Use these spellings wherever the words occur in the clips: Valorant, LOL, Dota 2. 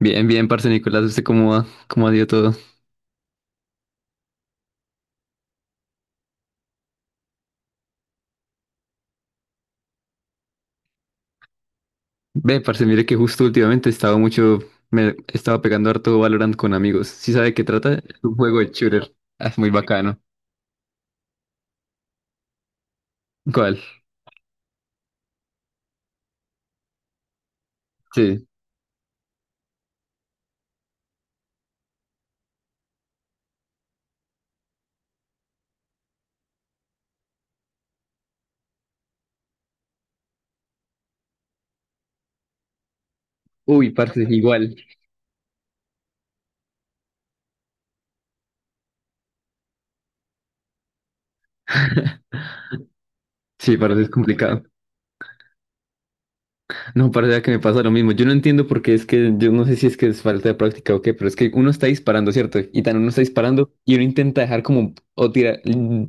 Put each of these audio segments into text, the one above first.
Bien, bien, parce Nicolás, ¿usted cómo va? ¿Cómo ha ido todo? Ve, parce, mire que justo últimamente estaba mucho, me estaba pegando harto Valorant con amigos. ¿Sí sabe de qué trata? Es un juego de shooter. Ah, es muy bacano. ¿Cuál? Sí. Uy, parce, igual. Sí, parce, es complicado. No, parce, vea que me pasa lo mismo. Yo no entiendo por qué es que, yo no sé si es que es falta de práctica o qué, pero es que uno está disparando, ¿cierto? Y tan uno está disparando y uno intenta dejar como,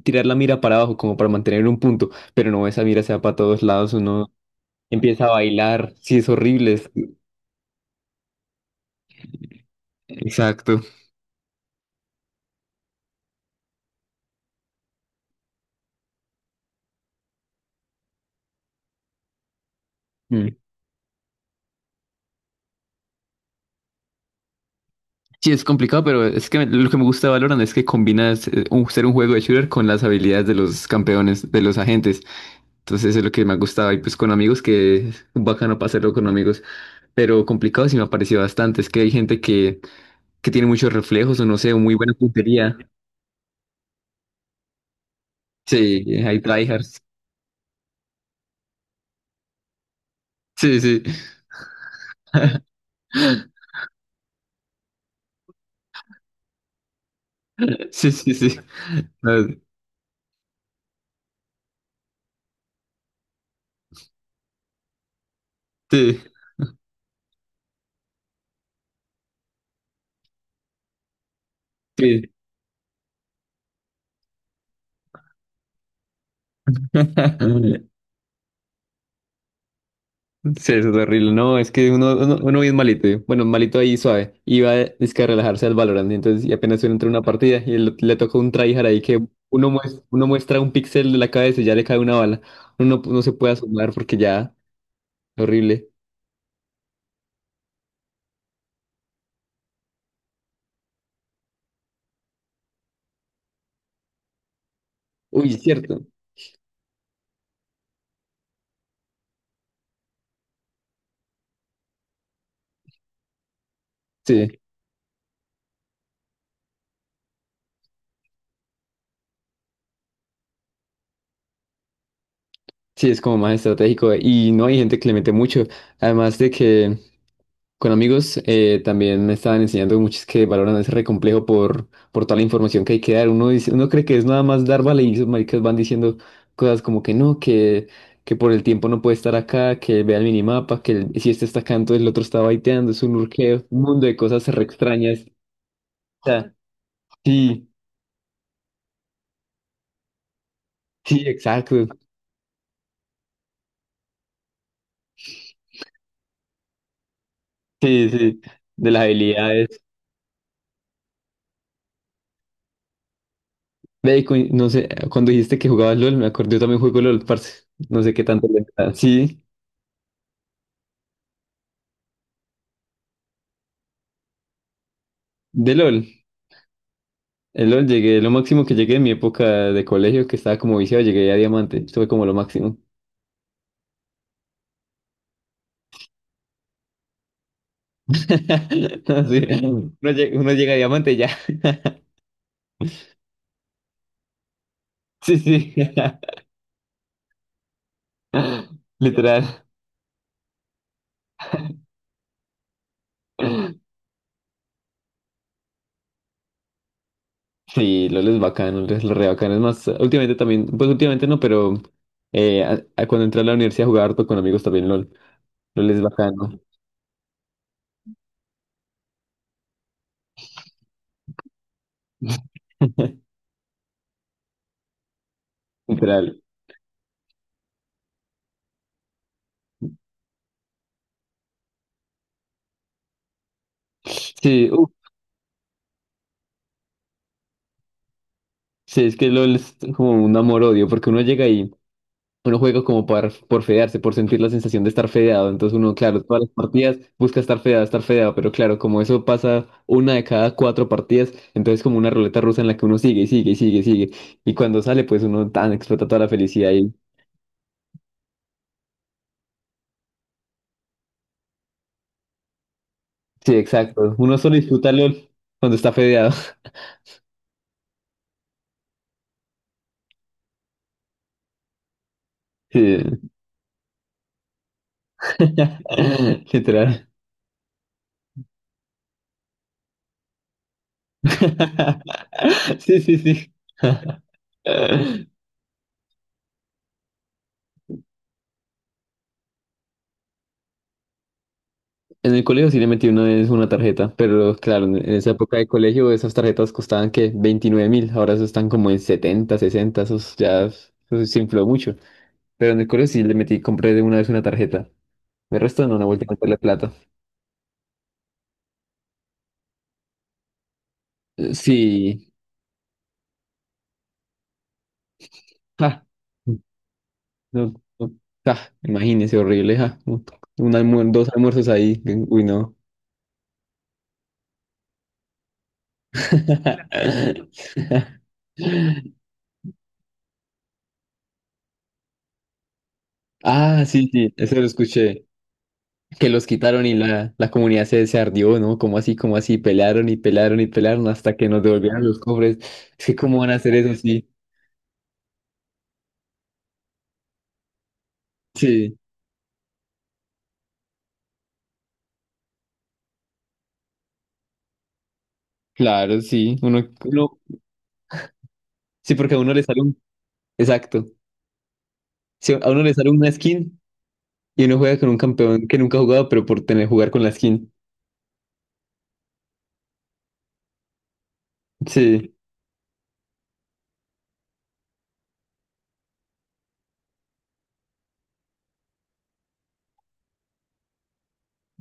tirar la mira para abajo como para mantener un punto, pero no, esa mira se va para todos lados, uno... Empieza a bailar, sí, es horrible. Exacto. Mm. Sí, es complicado, pero es que lo que me gusta de Valorant es que combinas ser un juego de shooter con las habilidades de los campeones, de los agentes. Entonces, eso es lo que me ha gustado. Y pues con amigos, que es bacano pasarlo con amigos. Pero complicado sí me ha parecido bastante. Es que hay gente que tiene muchos reflejos o no sé, muy buena puntería. Sí, hay tryhards. Sí, sí. Sí, sí, sí. No, sí, sí. Sí, eso es horrible. No, es que uno bien malito. Yo. Bueno, malito ahí suave. Iba es que a relajarse al Valorant. Y entonces, y apenas uno entra una partida y le toca un tryhard ahí que uno muestra un píxel de la cabeza y ya le cae una bala. Uno no se puede asomar porque ya, horrible. Uy, es cierto. Sí, sí, es como más estratégico. Y no hay gente que le mete mucho. Además de que. Con amigos, también me estaban enseñando muchos que valoran ese re complejo por toda la información que hay que dar. Uno dice, uno cree que es nada más dar vale y esos maricas van diciendo cosas como que no, que por el tiempo no puede estar acá, que vea el minimapa, que si este está acá, entonces el otro está baiteando, es un urqueo, un mundo de cosas re extrañas. O sea, sí, sí, exacto. Sí, sí, de las habilidades. Ve, y no sé, cuando dijiste que jugabas LOL, me acordé, yo también juego LOL, parce. No sé qué tanto le da. Sí, de LOL. El LOL llegué, lo máximo que llegué en mi época de colegio, que estaba como viciado, llegué a diamante. Esto fue como lo máximo. Sí, uno llega, uno llega a diamante y ya. Sí, sí. Literal. Sí, LOL es bacano, LOL es re bacano. Es más, últimamente también, pues últimamente no, pero a cuando entré a la universidad jugaba harto con amigos también LOL. LOL es bacano. Literal. Sí, uf, sí, es que LOL es como un amor-odio, porque uno llega y uno juega como por fedearse, por sentir la sensación de estar fedeado. Entonces uno, claro, todas las partidas busca estar fedeado, pero claro, como eso pasa una de cada cuatro partidas, entonces como una ruleta rusa en la que uno sigue y sigue y sigue y sigue. Y cuando sale, pues uno tan explota toda la felicidad. Y, sí, exacto. Uno solo disfruta LOL cuando está fedeado. Sí. Literal. Sí, sí, sí. En el colegio sí le metí una vez una tarjeta, pero claro, en esa época de colegio esas tarjetas costaban que 29.000, ahora eso están como en 70, 60, esos ya eso se infló mucho. Pero en el colegio sí le metí, compré de una vez una tarjeta. El resto no, no volví a meterle plata. Sí, ja, no, no, ja, imagínese, horrible, ja. Un dos almuerzos ahí, uy, no. Ah, sí, sí, eso lo escuché. Que los quitaron y la comunidad se ardió, ¿no? Como así, pelearon y pelearon y pelearon hasta que nos devolvieron los cofres. Es que cómo van a hacer eso, sí. Sí, claro, sí. Sí, porque a uno le sale un, exacto. Sí, a uno le sale una skin y uno juega con un campeón que nunca ha jugado, pero por tener jugar con la skin. Sí,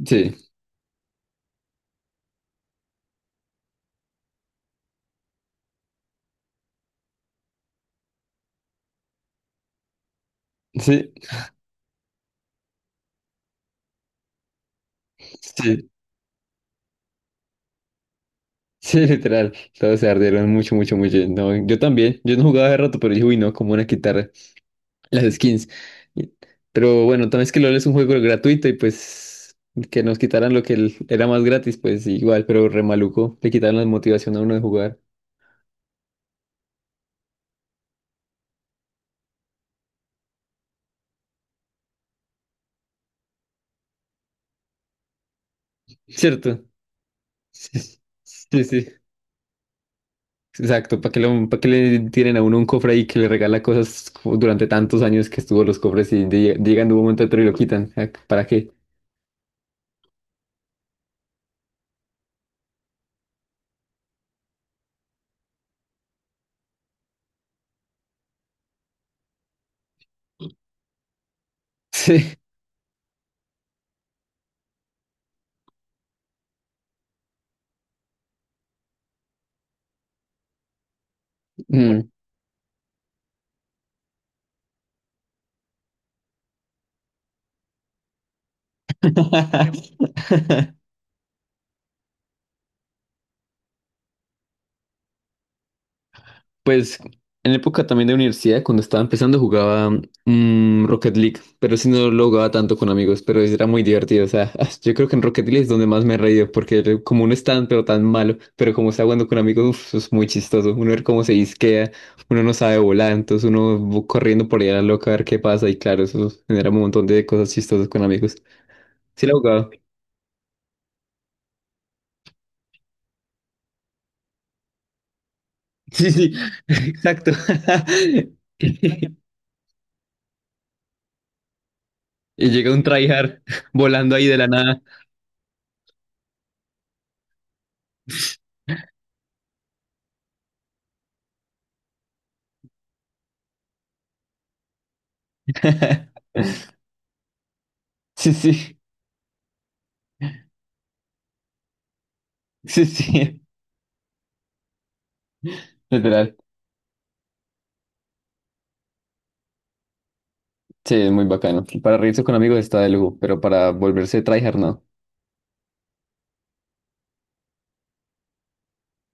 sí, sí, sí. Sí, literal, todos se ardieron mucho, mucho, mucho. No, yo también, yo no jugaba hace rato, pero dije, uy, no, cómo van a quitar las skins. Y... Pero bueno, también es que LOL es un juego gratuito y pues que nos quitaran lo que era más gratis, pues igual, pero re maluco, le quitaron la motivación a uno de jugar. ¿Cierto? Sí, sí, sí. Exacto, ¿para que le tienen a uno un cofre ahí que le regala cosas como durante tantos años que estuvo los cofres y llegan de un momento a otro y lo quitan? ¿Ah, ¿para qué? Sí. Mm. Pues en época también de universidad, cuando estaba empezando, jugaba Rocket League, pero sí no lo jugaba tanto con amigos, pero era muy divertido. O sea, yo creo que en Rocket League es donde más me he reído, porque como uno es tan, pero tan malo, pero como está jugando con amigos, uf, eso es muy chistoso. Uno ver cómo se disquea, uno no sabe volar, entonces uno va corriendo por ahí a la loca a ver qué pasa, y claro, eso genera un montón de cosas chistosas con amigos. Sí, la jugaba. Sí, sí, exacto. Y llega un tryhard volando ahí de la nada. Sí, sí, sí, sí, literal. Sí, es muy bacano. Para reírse con amigos está de lujo, pero para volverse tryhard no.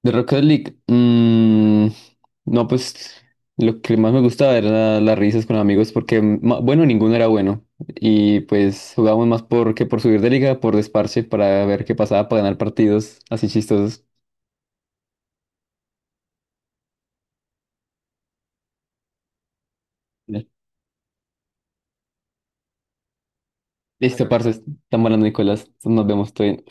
De Rocket League, mm, no, pues lo que más me gustaba era las risas con amigos porque, bueno, ninguno era bueno. Y pues jugábamos más por que por subir de liga, por desparche, para ver qué pasaba, para ganar partidos así chistosos. Listo, parce, estamos hablando, Nicolás. Nos vemos, todo bien.